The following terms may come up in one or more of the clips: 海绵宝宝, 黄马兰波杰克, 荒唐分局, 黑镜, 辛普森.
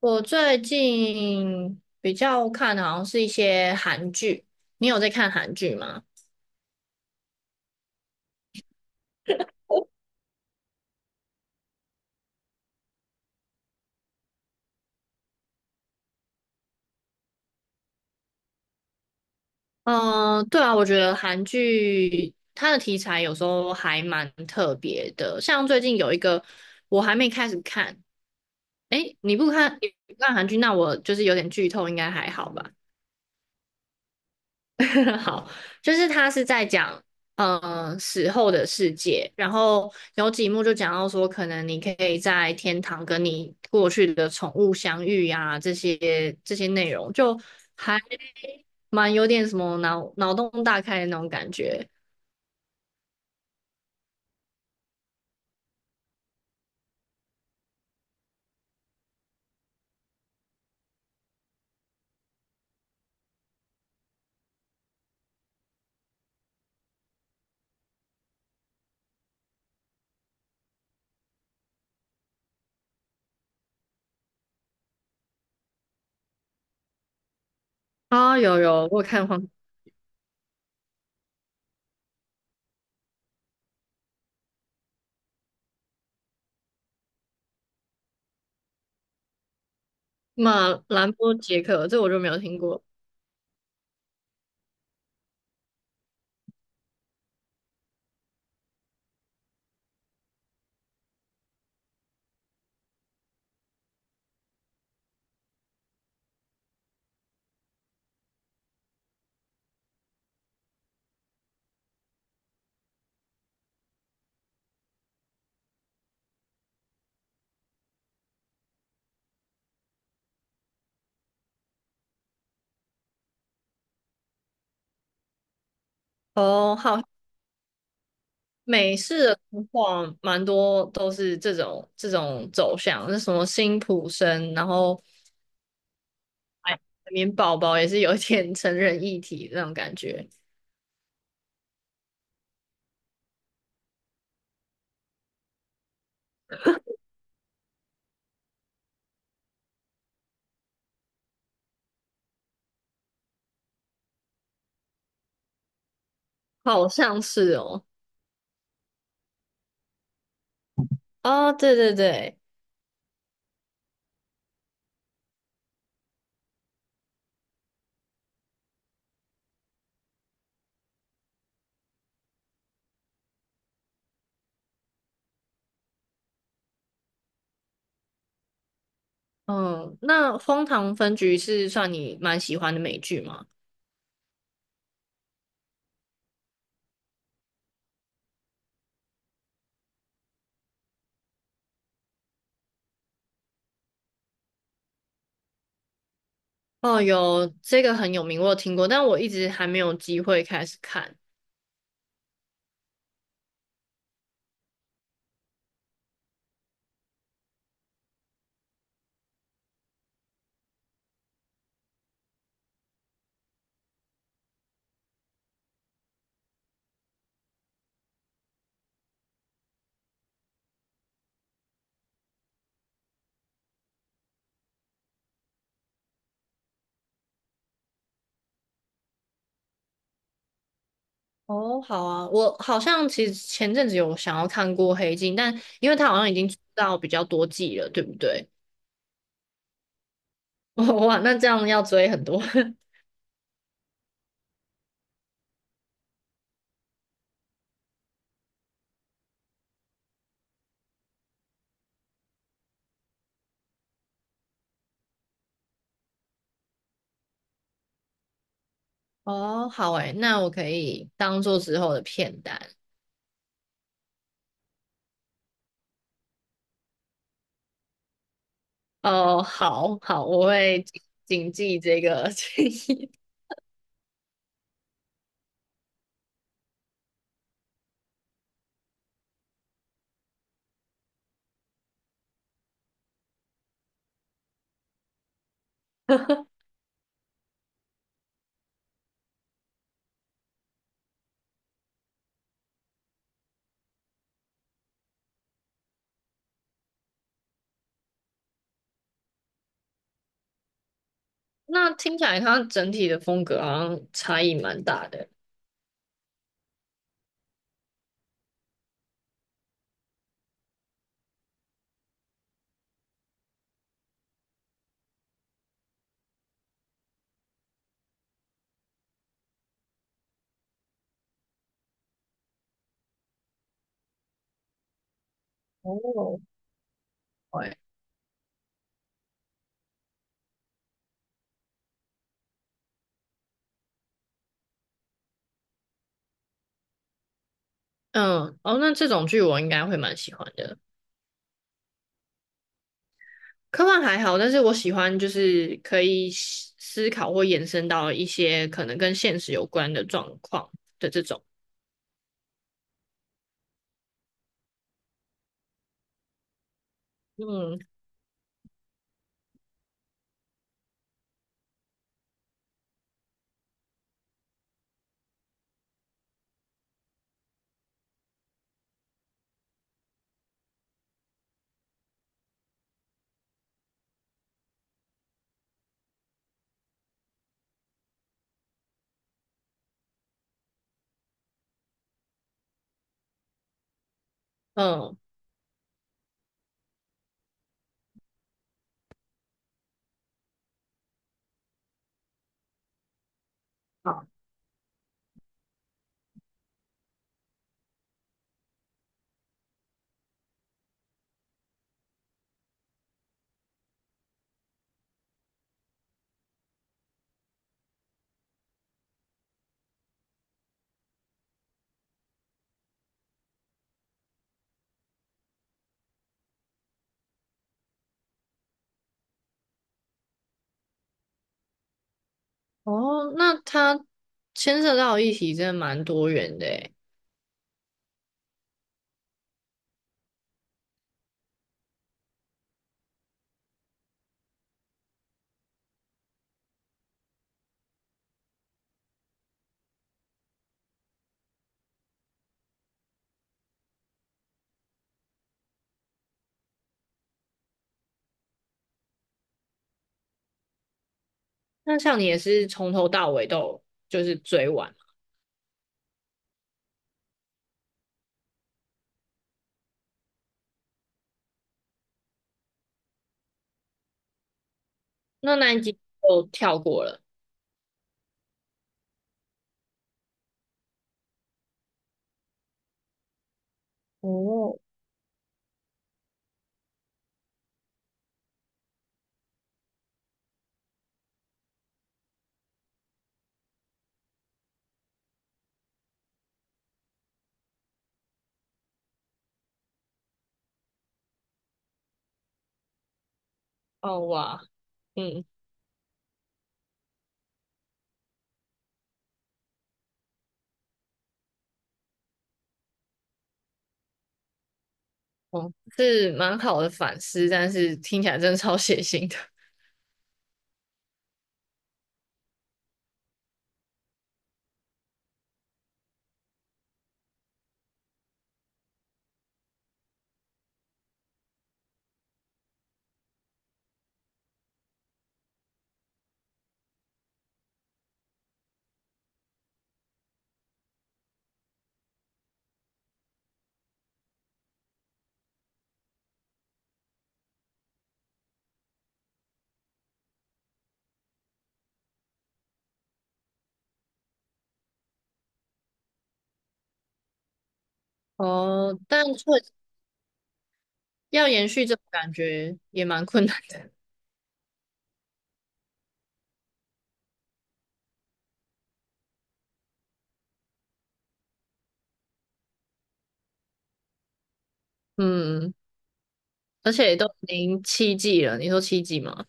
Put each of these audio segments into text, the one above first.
我最近比较看的好像是一些韩剧，你有在看韩剧吗？嗯，对啊，我觉得韩剧它的题材有时候还蛮特别的，像最近有一个我还没开始看，诶，你不看韩剧，那我就是有点剧透，应该还好吧？好，就是他是在讲，嗯，死后的世界，然后有几幕就讲到说，可能你可以在天堂跟你过去的宠物相遇呀、这些内容就还蛮有点什么脑洞大开的那种感觉啊，有有，我有看黄马兰波杰克，这我就没有听过哦，好。美式的童话蛮多都是这种走向，那什么辛普森，然后海绵宝宝也是有点成人议题那种感觉，好像是哦。哦，对对对，嗯，那《荒唐分局》是算你蛮喜欢的美剧吗？哦，有这个很有名，我有听过，但我一直还没有机会开始看。哦，好啊，我好像其实前阵子有想要看过《黑镜》，但因为它好像已经出到比较多季了，对不对？哇，那这样要追很多。哦，好诶，那我可以当做之后的片单。哦，好好，我会谨记这个 建议。那听起来它整体的风格好像差异蛮大的。哦，对，嗯，哦，那这种剧我应该会蛮喜欢的。科幻还好，但是我喜欢就是可以思考或延伸到一些可能跟现实有关的状况的这种。嗯嗯，好，哦，那它牵涉到的议题真的蛮多元的诶。那像你也是从头到尾都有就是追完。那那一集就跳过了。哦，哦哇，嗯，哦，是蛮好的反思，但是听起来真的超血腥的。哦，但确要延续这种感觉也蛮困难的。嗯，而且都已经七季了，你说七季吗？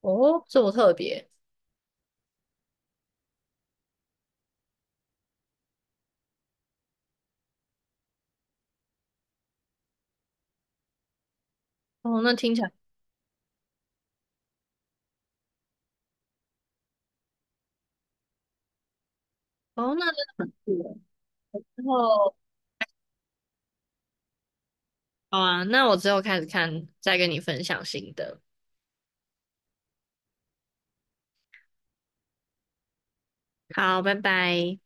哦，这么特别。哦，那听起来，哦，那真的很酷耶。然后，好啊，那我之后开始看，再跟你分享新的。好，拜拜。